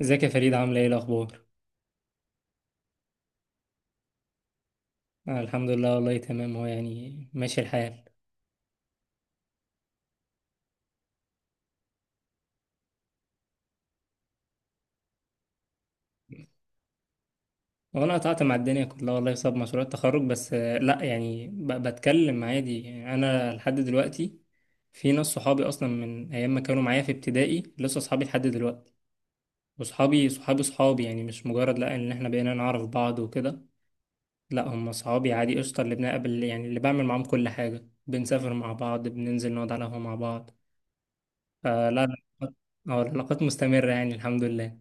ازيك يا فريد؟ عامله ايه الاخبار؟ آه، الحمد لله والله تمام. هو يعني ماشي الحال. هو انا قطعت مع الدنيا كلها والله بسبب مشروع التخرج، بس لا يعني بتكلم عادي، يعني انا لحد دلوقتي في ناس صحابي اصلا من ايام ما كانوا معايا في ابتدائي لسه صحابي لحد دلوقتي. وصحابي صحابي صحابي، يعني مش مجرد لا ان احنا بقينا نعرف بعض وكده، لا هم صحابي عادي قشطه، اللي بنقابل يعني اللي بعمل معاهم كل حاجه، بنسافر مع بعض، بننزل نقعد على القهوه مع بعض. فلا لا، اه العلاقات مستمرة يعني الحمد لله.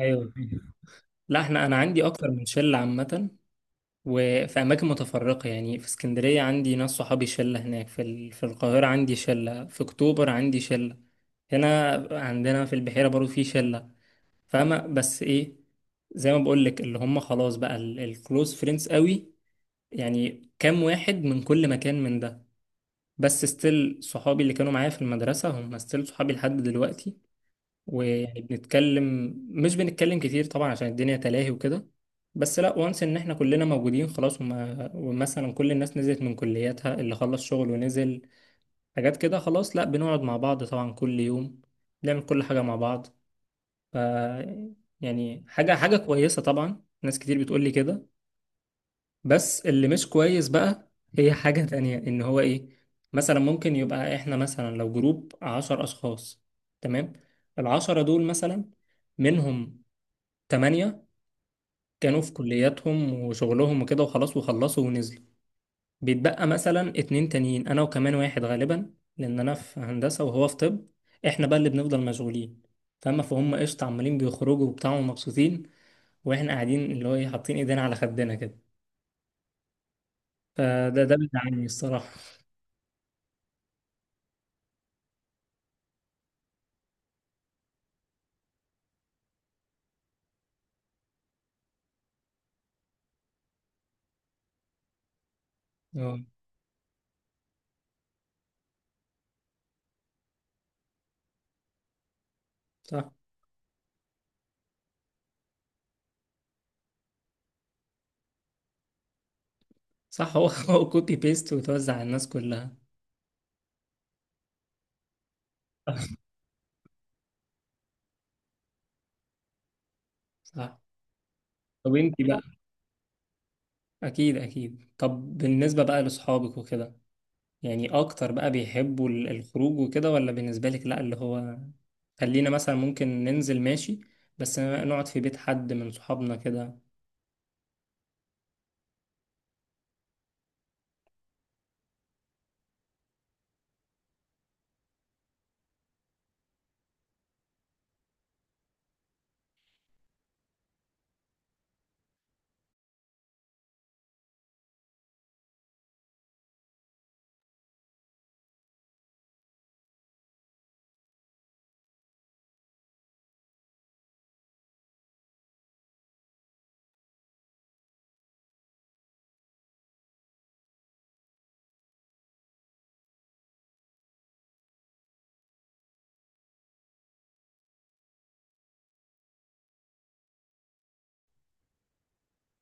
ايوه، لا انا عندي اكتر من شله عامه، وفي اماكن متفرقه. يعني في اسكندريه عندي ناس صحابي شله هناك، في في القاهره عندي شله، في اكتوبر عندي شله، هنا عندنا في البحيره برضو في شله. فاهمه؟ بس ايه، زي ما بقول لك اللي هم خلاص بقى الكلوز فريندز قوي، يعني كام واحد من كل مكان من ده. بس ستيل صحابي اللي كانوا معايا في المدرسه هم ستيل صحابي لحد دلوقتي. ويعني بنتكلم، مش بنتكلم كتير طبعا عشان الدنيا تلاهي وكده، بس لا وانس ان احنا كلنا موجودين خلاص. وما ومثلا كل الناس نزلت من كلياتها، اللي خلص شغل ونزل حاجات كده خلاص، لا بنقعد مع بعض طبعا كل يوم، بنعمل كل حاجة مع بعض. ف، يعني حاجة حاجة كويسة طبعا، ناس كتير بتقول لي كده. بس اللي مش كويس بقى، هي حاجة تانية ان هو ايه، مثلا ممكن يبقى احنا مثلا لو جروب عشر اشخاص، تمام، العشرة دول مثلا منهم تمانية كانوا في كلياتهم وشغلهم وكده وخلاص وخلصوا ونزلوا. بيتبقى مثلا اتنين تانيين، أنا وكمان واحد، غالبا لأن أنا في هندسة وهو في طب. إحنا بقى اللي بنفضل مشغولين، فاهمة؟ فهم قشطة عمالين بيخرجوا وبتاع ومبسوطين، وإحنا قاعدين اللي هو إيه، حاطين إيدينا على خدنا كده. فده بيزعلني الصراحة. اه صح، صح. هو هو كوبي بيست وتوزع على الناس كلها. صح. طب انت بقى، اكيد اكيد. طب بالنسبه بقى لاصحابك وكده، يعني اكتر بقى بيحبوا الخروج وكده، ولا بالنسبة لك لا اللي هو خلينا مثلا ممكن ننزل ماشي، بس نقعد في بيت حد من صحابنا كده؟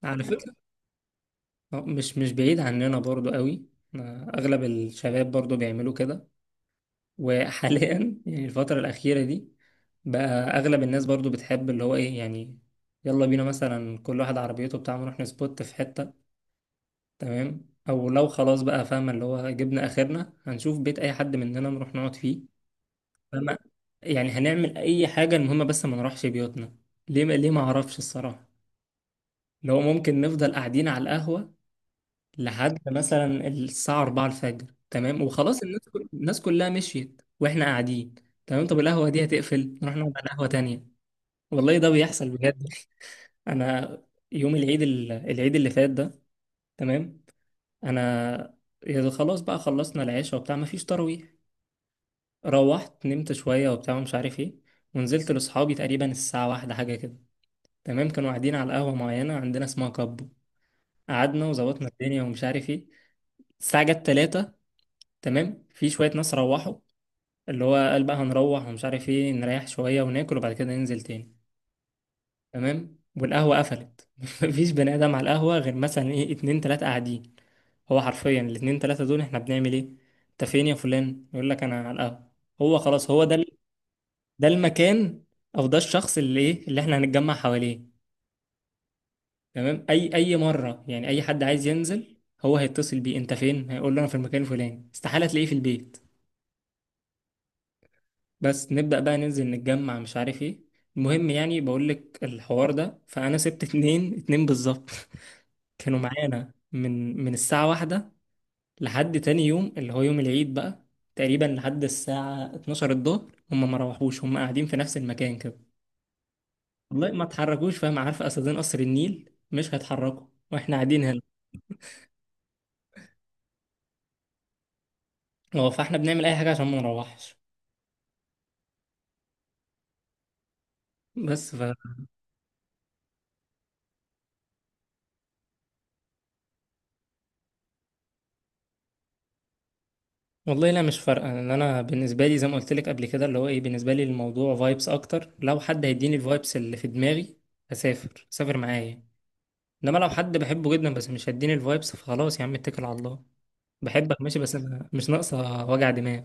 على فكرة مش بعيد عننا برضو قوي. اغلب الشباب برضو بيعملوا كده. وحاليا يعني الفترة الأخيرة دي بقى، اغلب الناس برضو بتحب اللي هو ايه يعني، يلا بينا مثلا كل واحد عربيته بتاعه نروح نسبوت في حتة. تمام، او لو خلاص بقى فاهمة اللي هو جبنا اخرنا، هنشوف بيت اي حد مننا نروح نقعد فيه. فما، يعني هنعمل اي حاجه المهم بس ما نروحش بيوتنا. ليه؟ ما اعرفش الصراحه. لو ممكن نفضل قاعدين على القهوه لحد مثلا الساعه 4 الفجر، تمام، وخلاص الناس الناس كلها مشيت واحنا قاعدين. تمام، طب القهوه دي هتقفل، نروح نقعد على قهوه تانية. والله ده بيحصل بجد. انا يوم العيد العيد اللي فات ده، تمام، انا، يا خلاص بقى خلصنا العشاء وبتاع، مفيش تراويح، روحت نمت شويه وبتاع ومش عارف ايه، ونزلت لاصحابي تقريبا الساعة واحدة حاجة كده. تمام، كانوا قاعدين على قهوة معينة عندنا اسمها كابو. قعدنا وظبطنا الدنيا ومش عارف ايه، الساعة جت تلاتة، تمام، في شوية ناس روحوا، اللي هو قال بقى هنروح ومش عارف ايه، نريح شوية وناكل وبعد كده ننزل تاني. تمام، والقهوة قفلت، مفيش بني آدم على القهوة غير مثلا ايه اتنين تلاتة قاعدين. هو حرفيا الاتنين تلاتة دول احنا بنعمل ايه؟ انت فين يا فلان؟ يقول لك انا على القهوة. هو خلاص هو ده ده المكان، او ده الشخص اللي ايه اللي احنا هنتجمع حواليه. تمام، اي اي مره يعني اي حد عايز ينزل، هو هيتصل بيه، انت فين؟ هيقول له انا في المكان الفلاني، استحاله تلاقيه في البيت. بس نبدا بقى ننزل نتجمع مش عارف ايه، المهم يعني بقول لك الحوار ده. فانا سبت اتنين، اتنين بالظبط كانوا معانا من الساعه واحدة لحد تاني يوم اللي هو يوم العيد بقى، تقريبا لحد الساعه 12 الظهر، هم ما روحوش، هم قاعدين في نفس المكان كده. والله ما اتحركوش، فاهم؟ عارف اسدين قصر النيل مش هيتحركوا، واحنا قاعدين هنا. اه، فاحنا بنعمل اي حاجه عشان ما نروحش. بس والله لا مش فارقه، ان انا بالنسبه لي زي ما قلت لك قبل كده اللي هو ايه، بالنسبه لي الموضوع فايبس اكتر. لو حد هيديني الفايبس اللي في دماغي هسافر، سافر معايا. انما لو حد بحبه جدا بس مش هيديني الفايبس، فخلاص يا عم اتكل على الله، بحبك ماشي، بس أنا مش ناقصه وجع دماغ.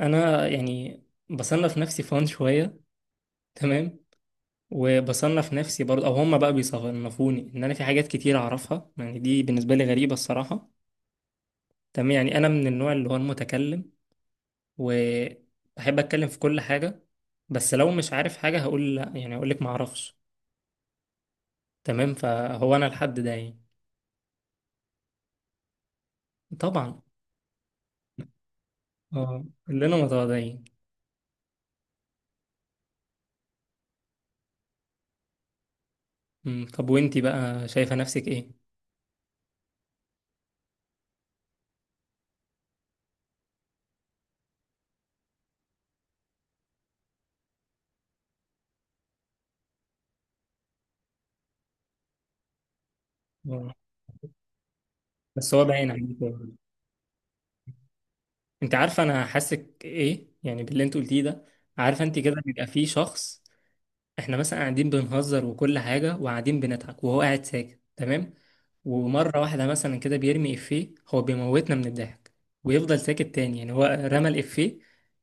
انا يعني بصنف نفسي فان شويه، تمام، وبصنف نفسي برضه، او هما بقى بيصنفوني ان انا في حاجات كتير اعرفها. يعني دي بالنسبه لي غريبه الصراحه. تمام، يعني انا من النوع اللي هو المتكلم، وبحب اتكلم في كل حاجة. بس لو مش عارف حاجة هقول لا، يعني هقول لك ما اعرفش. تمام، فهو انا الحد ده يعني. طبعا. اه كلنا متواضعين. أمم، طب وانتي بقى شايفة نفسك ايه؟ آه، بس هو باين عليك يعني. انت عارفة انا حاسك ايه يعني باللي انت قلتيه ده؟ عارفة انت كده بيبقى في شخص، احنا مثلا قاعدين بنهزر وكل حاجة وقاعدين بنضحك، وهو قاعد ساكت. تمام، ومرة واحدة مثلا كده بيرمي إفيه هو بيموتنا من الضحك، ويفضل ساكت تاني. يعني هو رمى الإفيه،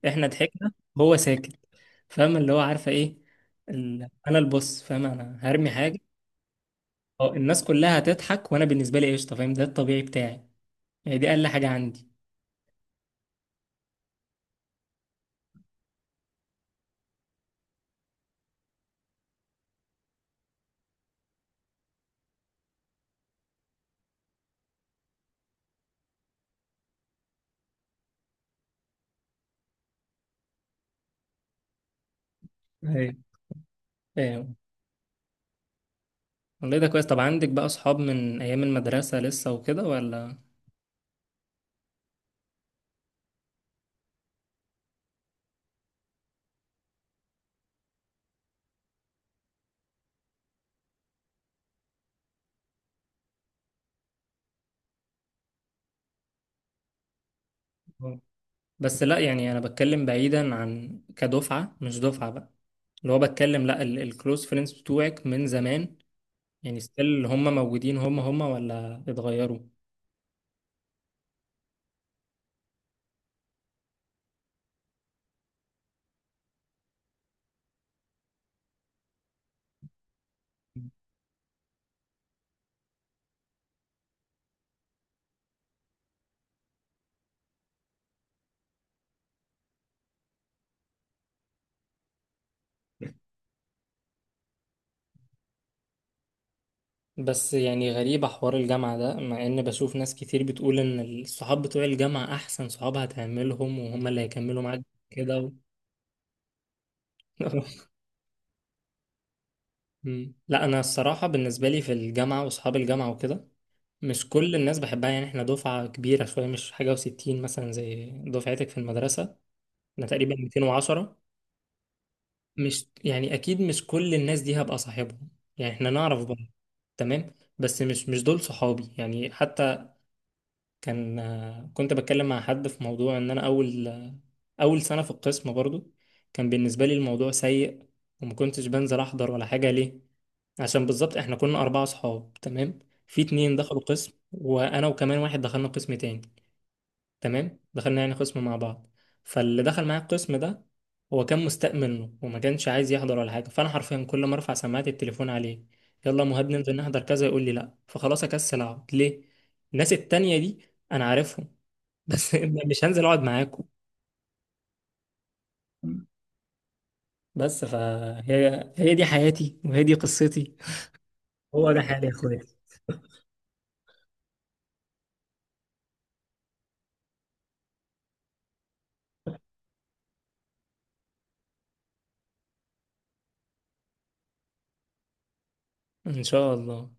احنا ضحكنا، هو ساكت. فاهمة اللي هو عارفة ايه انا البص فاهمة انا هرمي حاجة. اه الناس كلها هتضحك، وانا بالنسبة لي قشطة فاهم؟ ده الطبيعي بتاعي، يعني دي اقل حاجة عندي. ايوه، ايوه. والله ده كويس. طب عندك بقى اصحاب من ايام المدرسة لسه وكده ولا؟ بس لا يعني انا بتكلم بعيدا عن كدفعه، مش دفعه بقى اللي هو بتكلم، لا الكلوز فريندز بتوعك من زمان يعني ستيل هم موجودين، هم هم ولا اتغيروا؟ بس يعني غريبة حوار الجامعة ده، مع إن بشوف ناس كتير بتقول إن الصحاب بتوع الجامعة أحسن صحاب هتعملهم، وهم اللي هيكملوا معاك. كده و... مم. لا أنا الصراحة بالنسبة لي في الجامعة وصحاب الجامعة وكده، مش كل الناس بحبها يعني. إحنا دفعة كبيرة شوية، مش حاجة وستين مثلا زي دفعتك في المدرسة، انا تقريبا 210. مش يعني اكيد مش كل الناس دي هبقى صاحبهم، يعني احنا نعرف بعض، تمام، بس مش دول صحابي يعني. حتى كان كنت بتكلم مع حد في موضوع ان انا اول اول سنة في القسم برضو كان بالنسبة لي الموضوع سيء، وما كنتش بنزل احضر ولا حاجة. ليه؟ عشان بالظبط احنا كنا اربعة صحاب، تمام، في اتنين دخلوا قسم، وانا وكمان واحد دخلنا قسم تاني. تمام، دخلنا يعني قسم مع بعض، فاللي دخل معايا القسم ده هو كان مستاء منه وما كانش عايز يحضر ولا حاجه، فانا حرفيا كل ما ارفع سماعه التليفون عليه، يلا يا مهاب ننزل نحضر كذا، يقول لي لا، فخلاص اكسل اقعد ليه. الناس التانية دي انا عارفهم، بس مش هنزل اقعد معاكم. بس فهي هي دي حياتي، وهي دي قصتي، هو ده حالي يا اخواتي. ان شاء الله.